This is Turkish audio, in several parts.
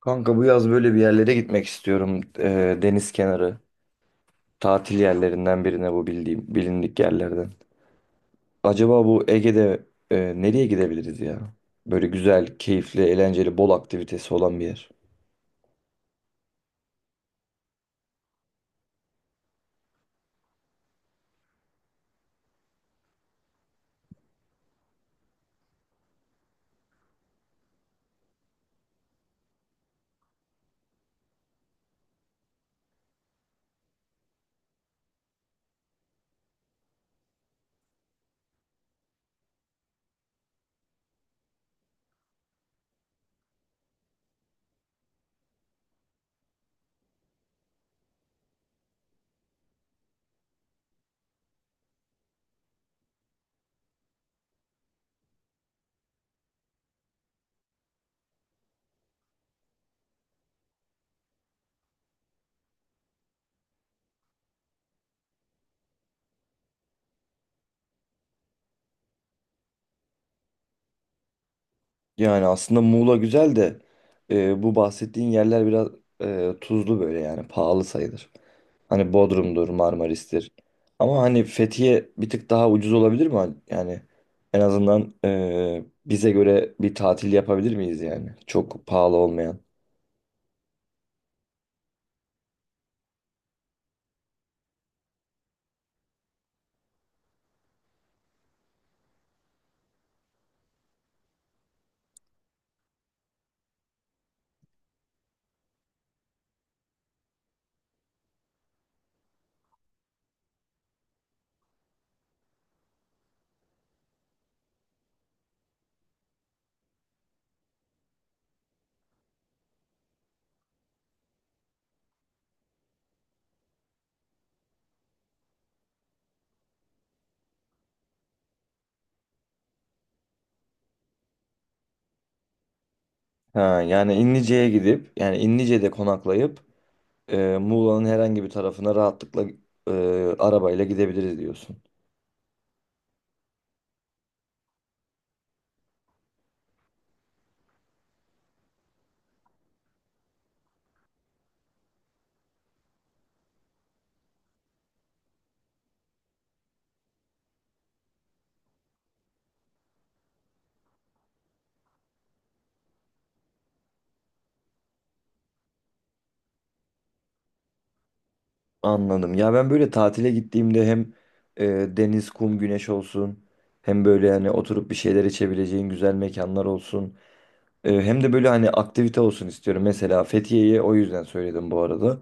Kanka bu yaz böyle bir yerlere gitmek istiyorum. Deniz kenarı. Tatil yerlerinden birine bu bildiğim, bilindik yerlerden. Acaba bu Ege'de nereye gidebiliriz ya? Böyle güzel, keyifli, eğlenceli, bol aktivitesi olan bir yer. Yani aslında Muğla güzel de bu bahsettiğin yerler biraz tuzlu böyle yani pahalı sayılır. Hani Bodrum'dur, Marmaris'tir. Ama hani Fethiye bir tık daha ucuz olabilir mi? Yani en azından bize göre bir tatil yapabilir miyiz yani? Çok pahalı olmayan. Ha, yani İnlice'ye gidip yani İnlice'de konaklayıp Muğla'nın herhangi bir tarafına rahatlıkla e, arabayla gidebiliriz diyorsun. Anladım. Ya ben böyle tatile gittiğimde hem e, deniz, kum, güneş olsun hem böyle hani oturup bir şeyler içebileceğin güzel mekanlar olsun. Hem de böyle hani aktivite olsun istiyorum. Mesela Fethiye'yi o yüzden söyledim bu arada.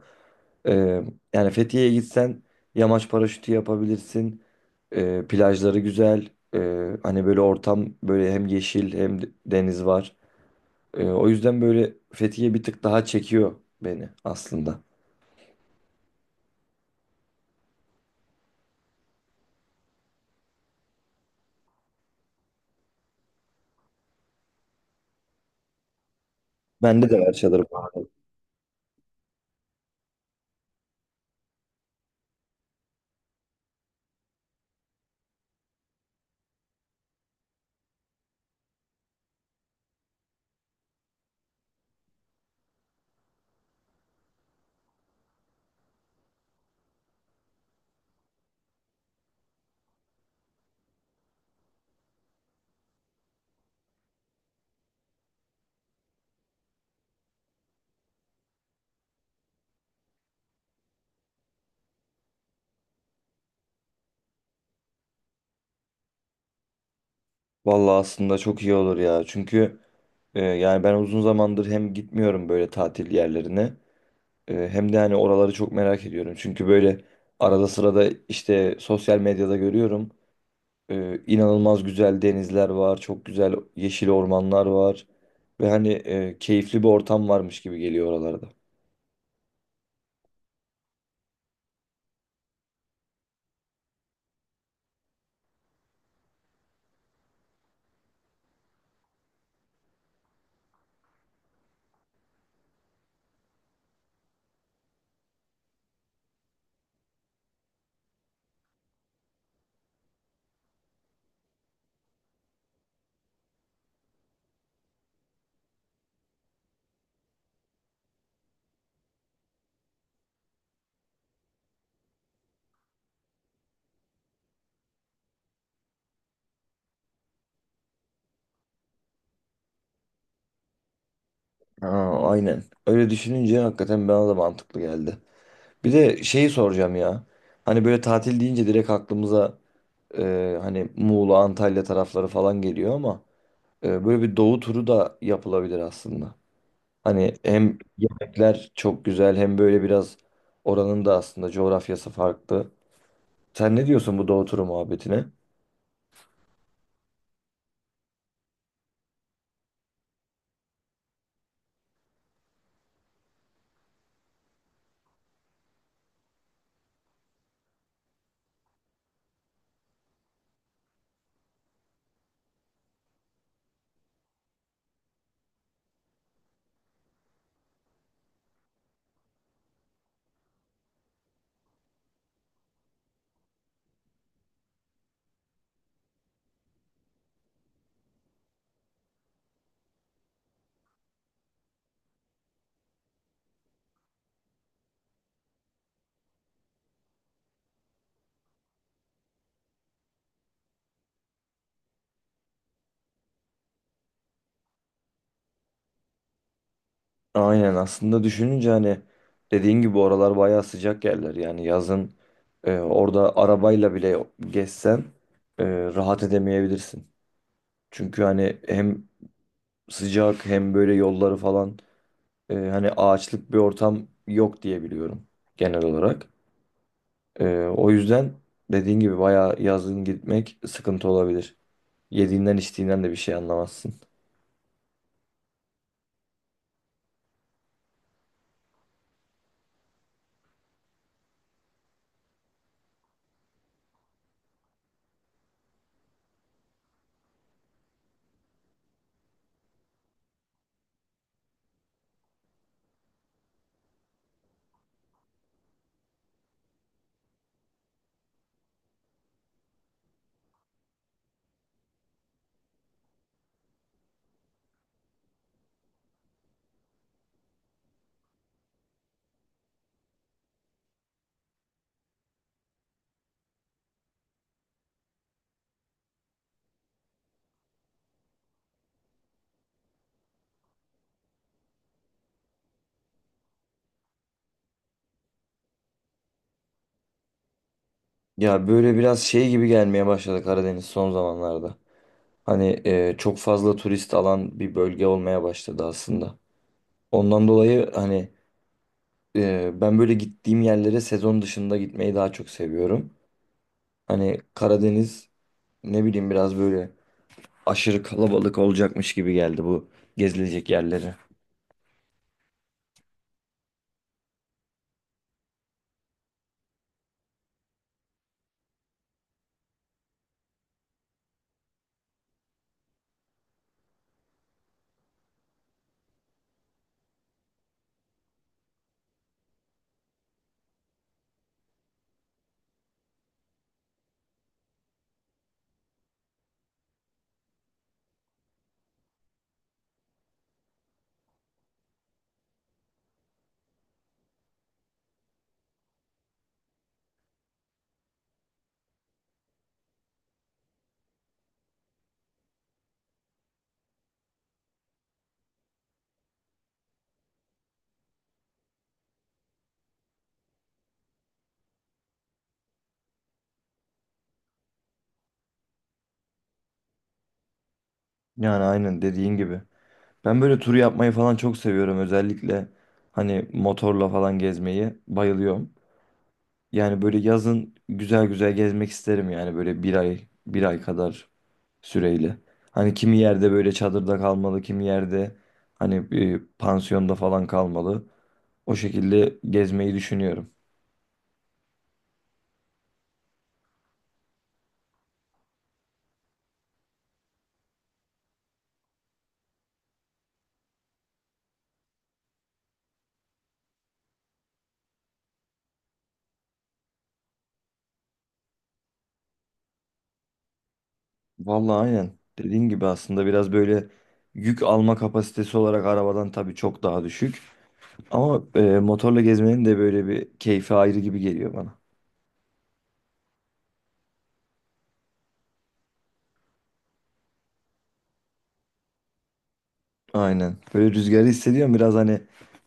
Ee, Yani Fethiye'ye gitsen yamaç paraşütü yapabilirsin. Plajları güzel. Hani böyle ortam böyle hem yeşil deniz var. O yüzden böyle Fethiye bir tık daha çekiyor beni aslında. Bende de var çadır. Vallahi aslında çok iyi olur ya. Çünkü yani ben uzun zamandır hem gitmiyorum böyle tatil yerlerine. Hem de hani oraları çok merak ediyorum. Çünkü böyle arada sırada işte sosyal medyada görüyorum. İnanılmaz güzel denizler var, çok güzel yeşil ormanlar var. Ve hani keyifli bir ortam varmış gibi geliyor oralarda. Aa, aynen. Öyle düşününce hakikaten bana da mantıklı geldi. Bir de şeyi soracağım ya. Hani böyle tatil deyince direkt aklımıza hani Muğla, Antalya tarafları falan geliyor ama böyle bir doğu turu da yapılabilir aslında. Hani hem yemekler çok güzel hem böyle biraz oranın da aslında coğrafyası farklı. Sen ne diyorsun bu doğu turu muhabbetine? Aynen aslında düşününce hani dediğin gibi oralar bayağı sıcak yerler. Yani yazın orada arabayla bile gezsen e, rahat edemeyebilirsin. Çünkü hani hem sıcak hem böyle yolları falan hani ağaçlık bir ortam yok diye biliyorum genel olarak. E, O yüzden dediğin gibi bayağı yazın gitmek sıkıntı olabilir. Yediğinden içtiğinden de bir şey anlamazsın. Ya böyle biraz şey gibi gelmeye başladı Karadeniz son zamanlarda. Hani çok fazla turist alan bir bölge olmaya başladı aslında. Ondan dolayı hani ben böyle gittiğim yerlere sezon dışında gitmeyi daha çok seviyorum. Hani Karadeniz ne bileyim biraz böyle aşırı kalabalık olacakmış gibi geldi bu gezilecek yerleri. Yani aynen dediğin gibi. Ben böyle tur yapmayı falan çok seviyorum özellikle hani motorla falan gezmeyi bayılıyorum. Yani böyle yazın güzel güzel gezmek isterim yani böyle bir ay bir ay kadar süreyle. Hani kimi yerde böyle çadırda kalmalı, kimi yerde hani pansiyonda falan kalmalı. O şekilde gezmeyi düşünüyorum. Vallahi aynen. Dediğin gibi aslında biraz böyle yük alma kapasitesi olarak arabadan tabii çok daha düşük. Ama motorla gezmenin de böyle bir keyfi ayrı gibi geliyor bana. Aynen. Böyle rüzgarı hissediyorum biraz hani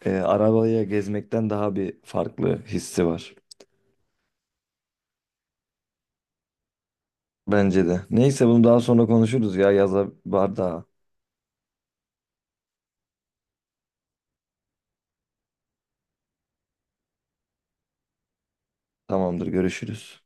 arabaya gezmekten daha bir farklı hissi var. Bence de. Neyse bunu daha sonra konuşuruz ya. Yaza var. Tamamdır, görüşürüz.